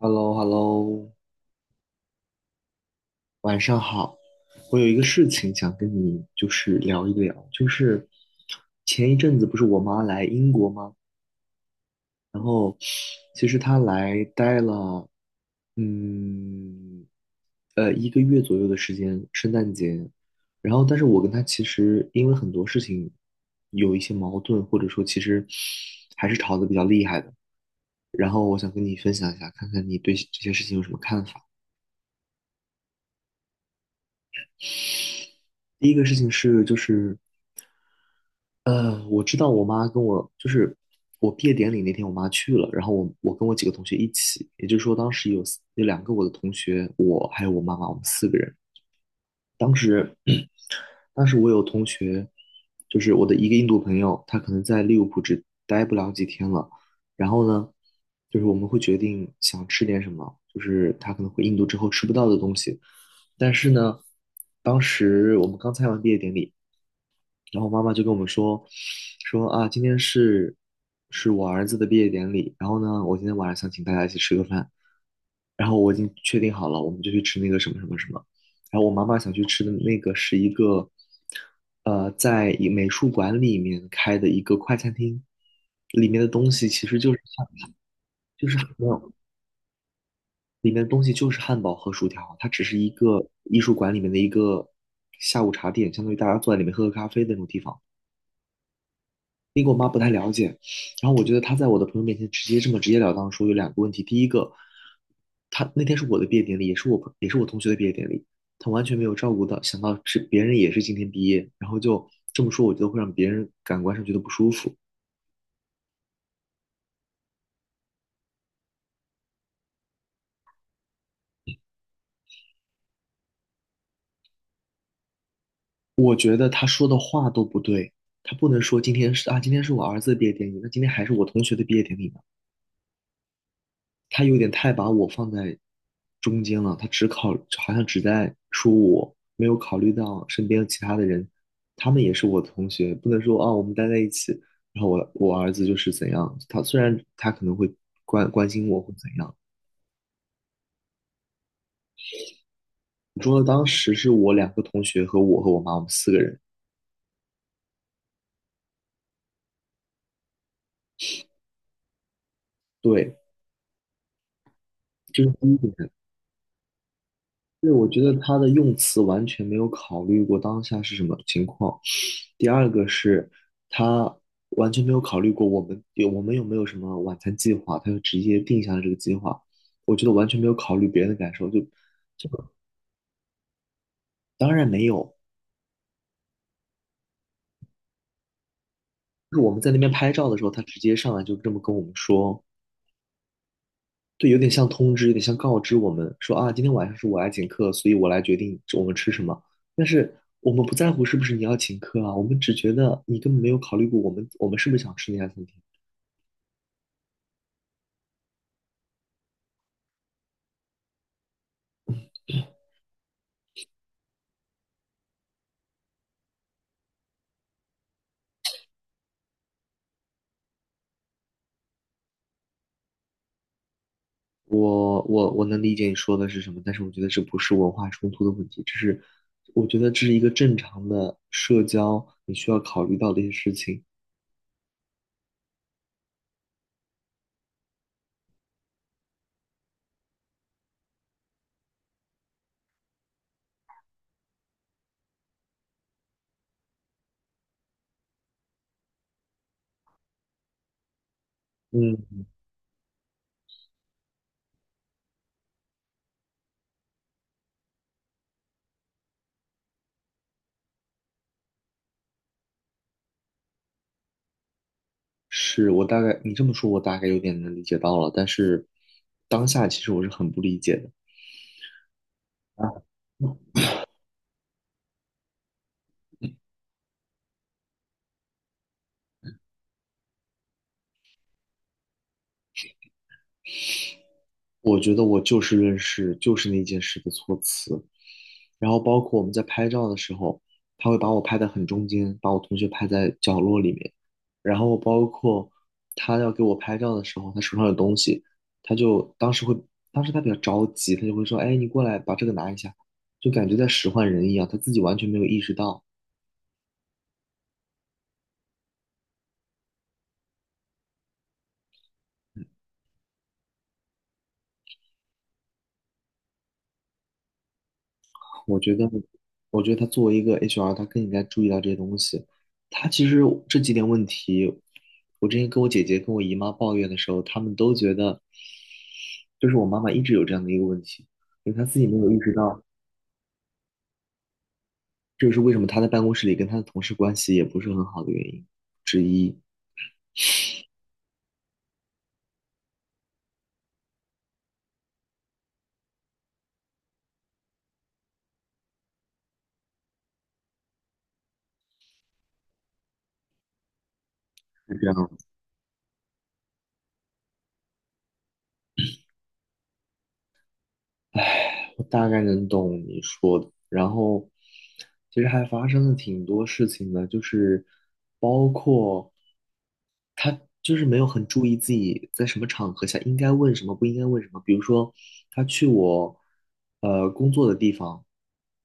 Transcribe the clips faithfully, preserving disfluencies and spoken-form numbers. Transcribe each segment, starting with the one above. h e l l o h e l l o 晚上好。我有一个事情想跟你就是聊一聊，就是前一阵子不是我妈来英国吗？然后其实她来待了，嗯，呃，一个月左右的时间，圣诞节。然后，但是我跟她其实因为很多事情有一些矛盾，或者说其实还是吵得比较厉害的。然后我想跟你分享一下，看看你对这些事情有什么看法。第一个事情是，就是。呃，我知道我妈跟我就是我毕业典礼那天，我妈去了，然后我我跟我几个同学一起，也就是说当时有四有两个我的同学，我还有我妈妈，我们四个人。当时 当时我有同学，就是我的一个印度朋友，他可能在利物浦只待不了几天了，然后呢，就是我们会决定想吃点什么，就是他可能回印度之后吃不到的东西，但是呢，当时我们刚参加完毕业典礼。然后妈妈就跟我们说，说啊，今天是是我儿子的毕业典礼，然后呢，我今天晚上想请大家一起吃个饭，然后我已经确定好了，我们就去吃那个什么什么什么，然后我妈妈想去吃的那个是一个，呃，在一美术馆里面开的一个快餐厅，里面的东西其实就是汉，就是没有，里面的东西就是汉堡和薯条，它只是一个艺术馆里面的一个下午茶店，相当于大家坐在里面喝喝咖啡的那种地方。然后我觉得他在我的朋友面前直接这么直截了当地说有两个问题，第一个，他那天是我的毕业典礼，也是我朋也是我同学的毕业典礼，他完全没有照顾到，想到是别人也是今天毕业，然后就这么说，我觉得会让别人感官上觉得不舒服。我觉得他说的话都不对，他不能说今天是啊，今天是我儿子的毕业典礼，那今天还是我同学的毕业典礼吗？他有点太把我放在中间了，他只考，好像只在说我，没有考虑到身边其他的人，他们也是我的同学，不能说啊，我们待在一起，然后我我儿子就是怎样，他虽然他可能会关关心我或怎样，我说的当时是我两个同学和我和我妈，我们四个人，对，这是第一点，对，我觉得他的用词完全没有考虑过当下是什么情况。第二个是他完全没有考虑过我们有我们有没有什么晚餐计划，他就直接定下了这个计划。我觉得完全没有考虑别人的感受，就这个当然没有。就是我们在那边拍照的时候，他直接上来就这么跟我们说，对，有点像通知，有点像告知我们说啊，今天晚上是我来请客，所以我来决定我们吃什么。但是我们不在乎是不是你要请客啊，我们只觉得你根本没有考虑过我们我们是不是想吃那家餐厅。我我我能理解你说的是什么，但是我觉得这不是文化冲突的问题，这是我觉得这是一个正常的社交你需要考虑到的一些事情。嗯，是我大概你这么说，我大概有点能理解到了，但是当下其实我是很不理解的。啊，我觉得我就事论事，就是那件事的措辞，然后包括我们在拍照的时候，他会把我拍得很中间，把我同学拍在角落里面。然后包括他要给我拍照的时候，他手上有东西，他就当时会，当时他比较着急，他就会说：“哎，你过来把这个拿一下。”就感觉在使唤人一样，他自己完全没有意识到。我觉得，我觉得他作为一个 H R，他更应该注意到这些东西。他其实这几点问题，我之前跟我姐姐、跟我姨妈抱怨的时候，他们都觉得就是我妈妈一直有这样的一个问题，就是她自己没有意识到，这就是为什么她在办公室里跟她的同事关系也不是很好的原因之一。是这样。我大概能懂你说的。然后，其实还发生了挺多事情的，就是包括他就是没有很注意自己在什么场合下应该问什么，不应该问什么。比如说，他去我呃工作的地方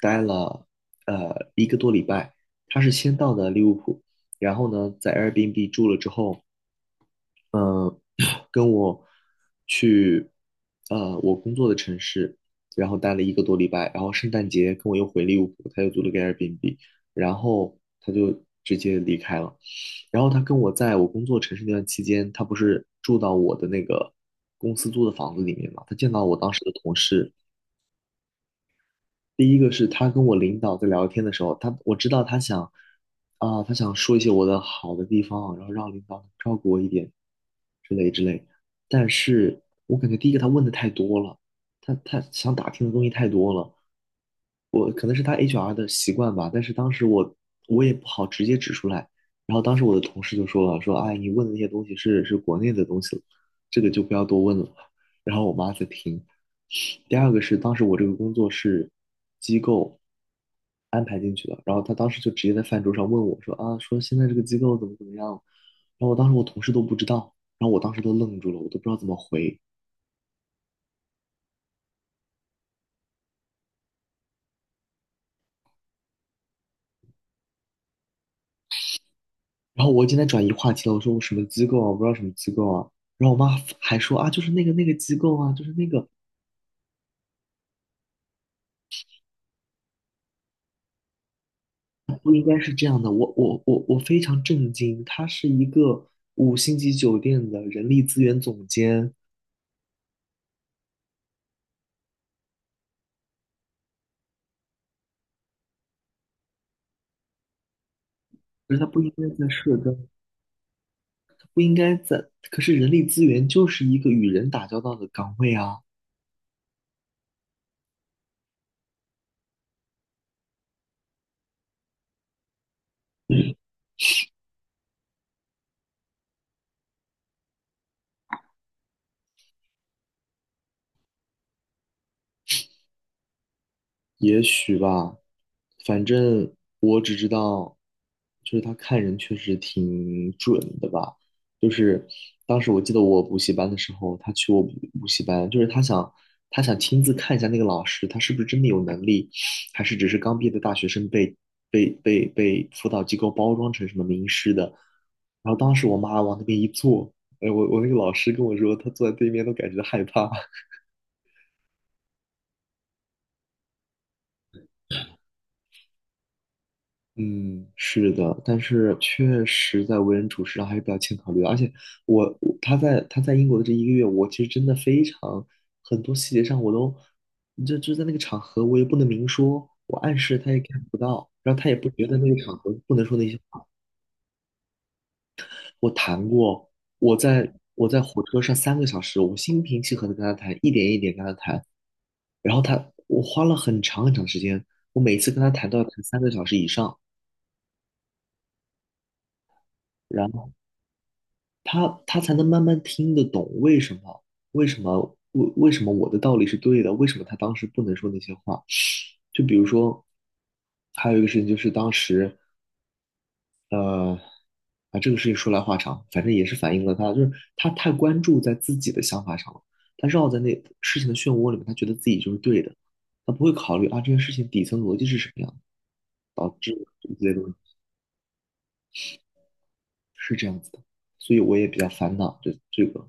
待了呃一个多礼拜，他是先到的利物浦，然后呢在 Airbnb 住了之后，呃，跟我去呃我工作的城市，然后待了一个多礼拜，然后圣诞节跟我又回利物浦，他又租了个 Airbnb，然后他就直接离开了。然后他跟我在我工作城市那段期间，他不是住到我的那个公司租的房子里面嘛，他见到我当时的同事，第一个是他跟我领导在聊天的时候，他我知道他想啊、他想说一些我的好的地方，然后让领导照顾我一点之类之类。但是我感觉第一个他问的太多了，他他想打听的东西太多了，我可能是他 H R 的习惯吧。但是当时我我也不好直接指出来，然后当时我的同事就说了，说哎，你问的那些东西是是国内的东西了这个就不要多问了。然后我妈在听，第二个是当时我这个工作是机构安排进去的，然后他当时就直接在饭桌上问我说啊，说现在这个机构怎么怎么样，然后我当时我同事都不知道，然后我当时都愣住了，我都不知道怎么回，然后我今天转移话题了，我说我什么机构啊，我不知道什么机构啊，然后我妈还说啊，就是那个那个机构啊，就是那个不应该是这样的，我我我我非常震惊，他是一个五星级酒店的人力资源总监，可是他不应该在社招。不应该在，可是人力资源就是一个与人打交道的岗位啊，也许吧，反正我只知道，就是他看人确实挺准的吧。就是当时我记得我补习班的时候，他去我补补习班，就是他想他想亲自看一下那个老师，他是不是真的有能力，还是只是刚毕业的大学生被被被被辅导机构包装成什么名师的。然后当时我妈往那边一坐，哎，我我那个老师跟我说，他坐在对面都感觉害怕。嗯，是的，但是确实在为人处事上还是比较欠考虑的而且我我他在他在英国的这一个月，我其实真的非常很多细节上我都，就就在那个场合我也不能明说，我暗示他也看不到，然后他也不觉得那个场合不能说那些话。我谈过，我在我在火车上三个小时，我心平气和的跟他谈，一点一点跟他谈，然后他我花了很长很长时间，我每次跟他谈都要谈三个小时以上。然后。他他才能慢慢听得懂为什么为什么为为什么我的道理是对的，为什么他当时不能说那些话。就比如说，还有一个事情就是当时呃啊这个事情说来话长，反正也是反映了他就是他太关注在自己的想法上了，他绕在那事情的漩涡里面，他觉得自己就是对的，他不会考虑啊这件事情底层逻辑是什么样的导致一些东西是这样子的，所以我也比较烦恼这这个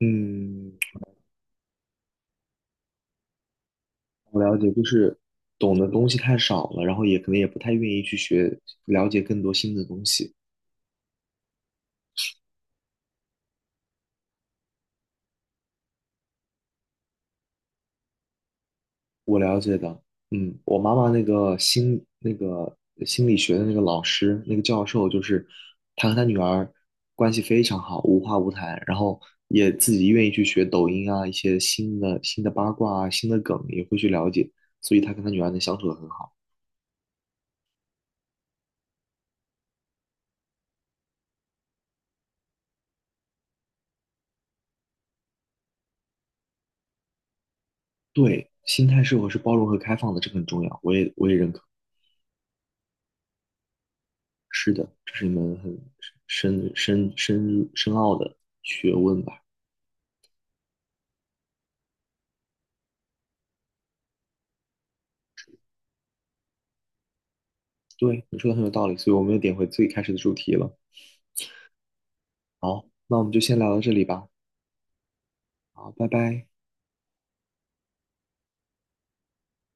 嗯。我了解，就是懂的东西太少了，然后也可能也不太愿意去学，了解更多新的东西。我了解的，嗯，我妈妈那个心那个心理学的那个老师那个教授，就是他和他女儿关系非常好，无话不谈，然后也自己愿意去学抖音啊，一些新的新的八卦啊，新的梗也会去了解，所以他跟他女儿能相处的很好。对，心态是否是包容和开放的，这个很重要，我也我也认可。是的，这是一门很深深深入深奥的学问吧？对，你说的很有道理，所以我们又点回最开始的主题了。好，那我们就先聊到这里吧。好，拜拜。